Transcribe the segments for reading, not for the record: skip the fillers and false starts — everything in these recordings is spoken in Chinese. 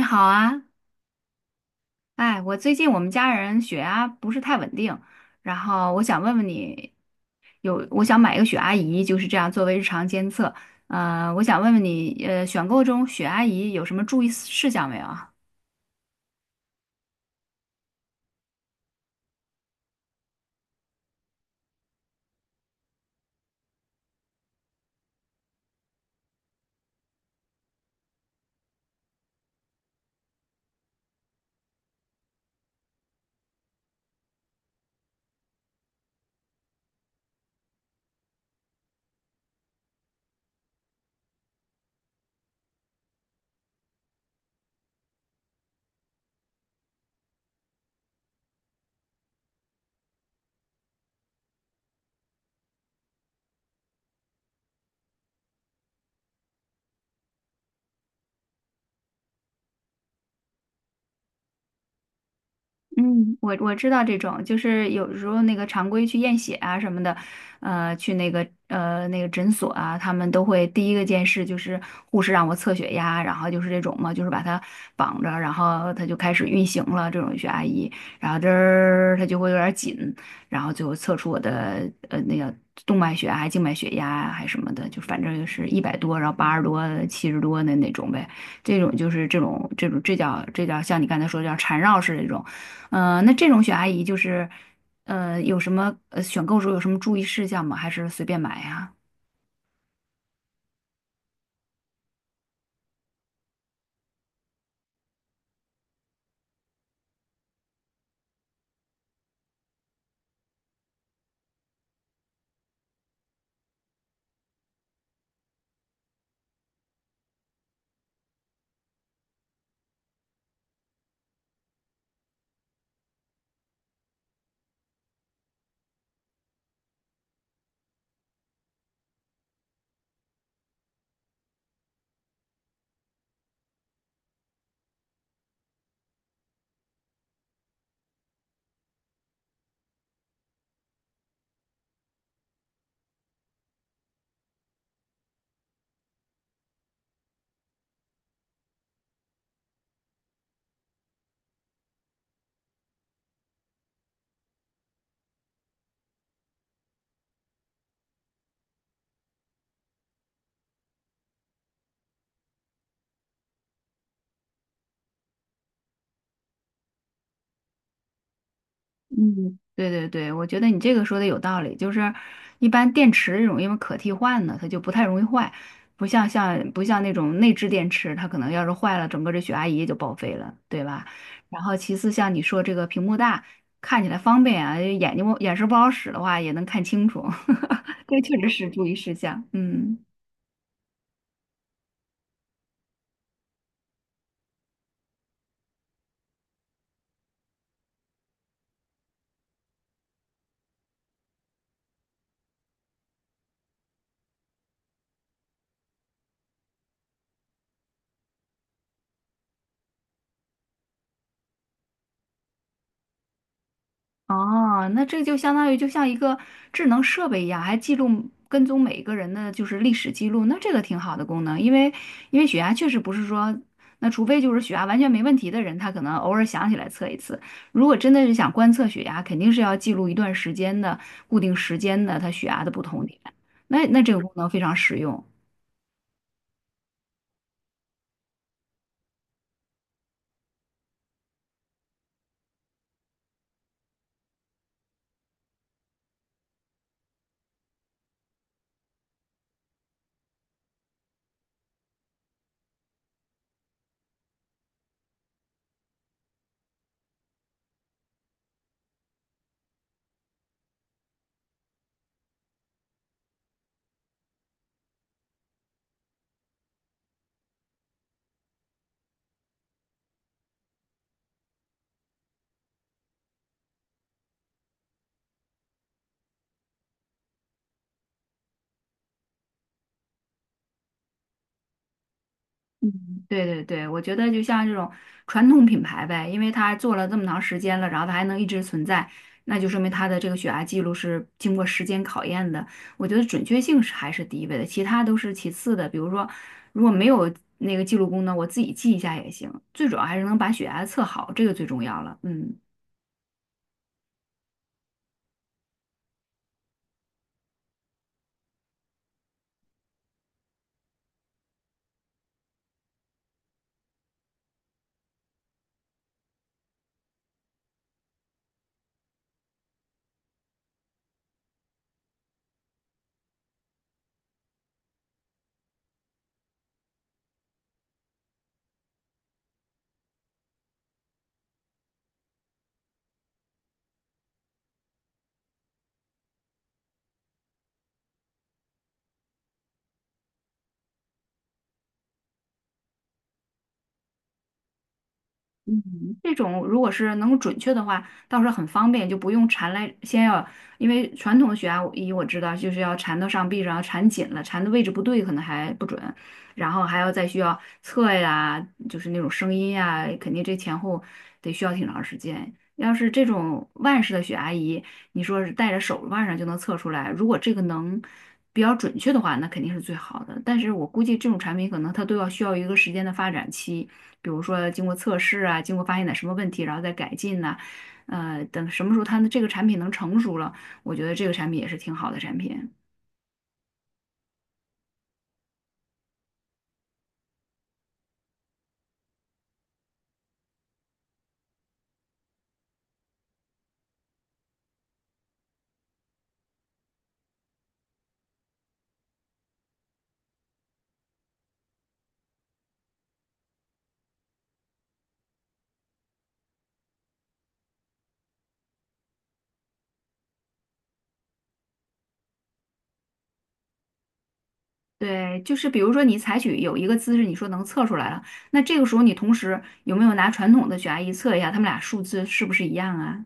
你好啊，哎，我最近我们家人血压不是太稳定，然后我想问问你，我想买一个血压仪，就是这样作为日常监测。我想问问你，选购中血压仪有什么注意事项没有啊？嗯，我知道这种，就是有时候那个常规去验血啊什么的，去那个诊所啊，他们都会第一个件事就是护士让我测血压，然后就是这种嘛，就是把它绑着，然后它就开始运行了。这种血压仪，然后这儿它就会有点紧，然后最后测出我的那个动脉血压、还静脉血压啊还什么的，就反正就是100多，然后80多、70多的那种呗。这种就是这种这叫像你刚才说的叫缠绕式这种。嗯，那这种选阿姨就是，有什么呃选购时候有什么注意事项吗？还是随便买呀？嗯，对对对，我觉得你这个说的有道理，就是一般电池这种因为可替换的，它就不太容易坏，不像那种内置电池，它可能要是坏了，整个这血压仪就报废了，对吧？然后其次像你说这个屏幕大，看起来方便啊，眼神不好使的话也能看清楚，这确实是注意事项，嗯。哦，那这就相当于就像一个智能设备一样，还记录跟踪每一个人的就是历史记录，那这个挺好的功能，因为血压确实不是说，那除非就是血压完全没问题的人，他可能偶尔想起来测一次。如果真的是想观测血压，肯定是要记录一段时间的固定时间的他血压的不同点，那这个功能非常实用。嗯，对对对，我觉得就像这种传统品牌呗，因为它做了这么长时间了，然后它还能一直存在，那就说明它的这个血压记录是经过时间考验的。我觉得准确性是还是第一位的，其他都是其次的。比如说，如果没有那个记录功能，我自己记一下也行，最主要还是能把血压测好，这个最重要了。嗯。嗯，这种如果是能够准确的话，倒是很方便，就不用缠来，先要，因为传统的血压仪我知道就是要缠到上臂上，缠紧了，缠的位置不对可能还不准，然后还要再需要测呀，就是那种声音呀，肯定这前后得需要挺长时间。要是这种腕式的血压仪，你说是戴着手腕上就能测出来，如果这个能比较准确的话，那肯定是最好的。但是我估计这种产品可能它都要需要一个时间的发展期。比如说经过测试啊，经过发现点什么问题，然后再改进呐，等什么时候它的这个产品能成熟了，我觉得这个产品也是挺好的产品。对，就是比如说你采取有一个姿势，你说能测出来了，那这个时候你同时有没有拿传统的血压仪测一下，他们俩数字是不是一样啊？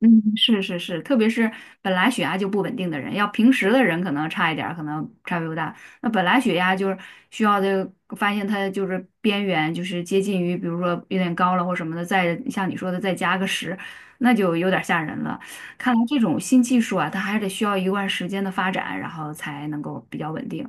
嗯，是是是，特别是本来血压就不稳定的人，要平时的人可能差一点儿，可能差别不大。那本来血压就是需要的，发现它就是边缘，就是接近于，比如说有点高了或什么的，再像你说的再加个十，那就有点吓人了。看来这种新技术啊，它还得需要一段时间的发展，然后才能够比较稳定。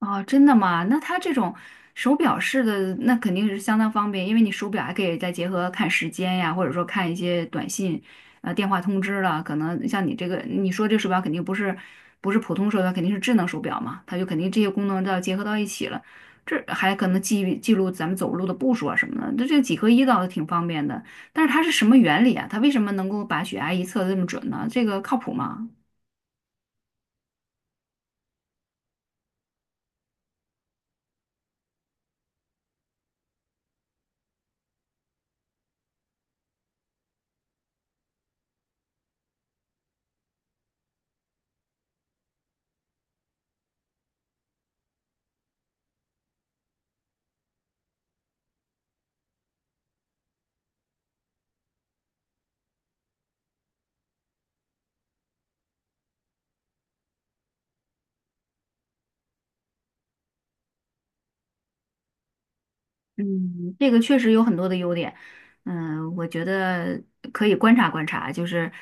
哦，真的吗？那它这种手表式的，那肯定是相当方便，因为你手表还可以再结合看时间呀，或者说看一些短信、电话通知了。可能像你这个，你说这手表肯定不是普通手表，肯定是智能手表嘛，它就肯定这些功能都要结合到一起了。这还可能记录咱们走路的步数啊什么的，那这个几合一倒是挺方便的。但是它是什么原理啊？它为什么能够把血压一测得这么准呢？这个靠谱吗？嗯，这个确实有很多的优点，嗯，我觉得可以观察观察，就是，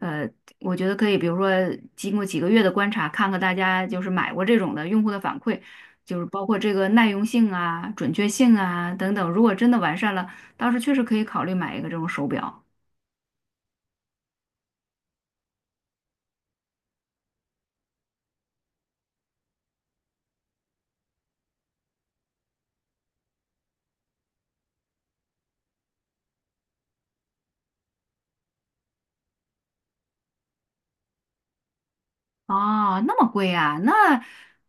呃，我觉得可以，比如说经过几个月的观察，看看大家就是买过这种的用户的反馈，就是包括这个耐用性啊、准确性啊等等，如果真的完善了，到时确实可以考虑买一个这种手表。哦，那么贵啊？那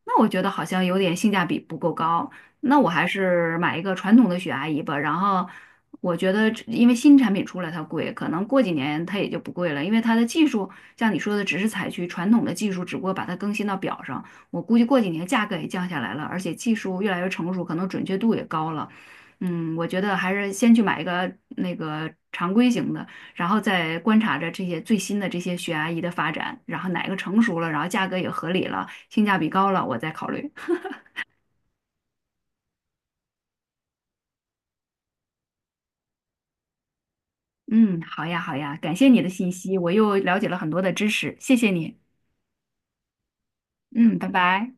那我觉得好像有点性价比不够高。那我还是买一个传统的血压仪吧。然后我觉得这因为新产品出来它贵，可能过几年它也就不贵了，因为它的技术像你说的，只是采取传统的技术，只不过把它更新到表上。我估计过几年价格也降下来了，而且技术越来越成熟，可能准确度也高了。嗯，我觉得还是先去买一个那个常规型的。然后再观察着这些最新的这些血压仪的发展，然后哪个成熟了，然后价格也合理了，性价比高了，我再考虑。嗯，好呀，好呀，感谢你的信息，我又了解了很多的知识，谢谢你。嗯，拜拜。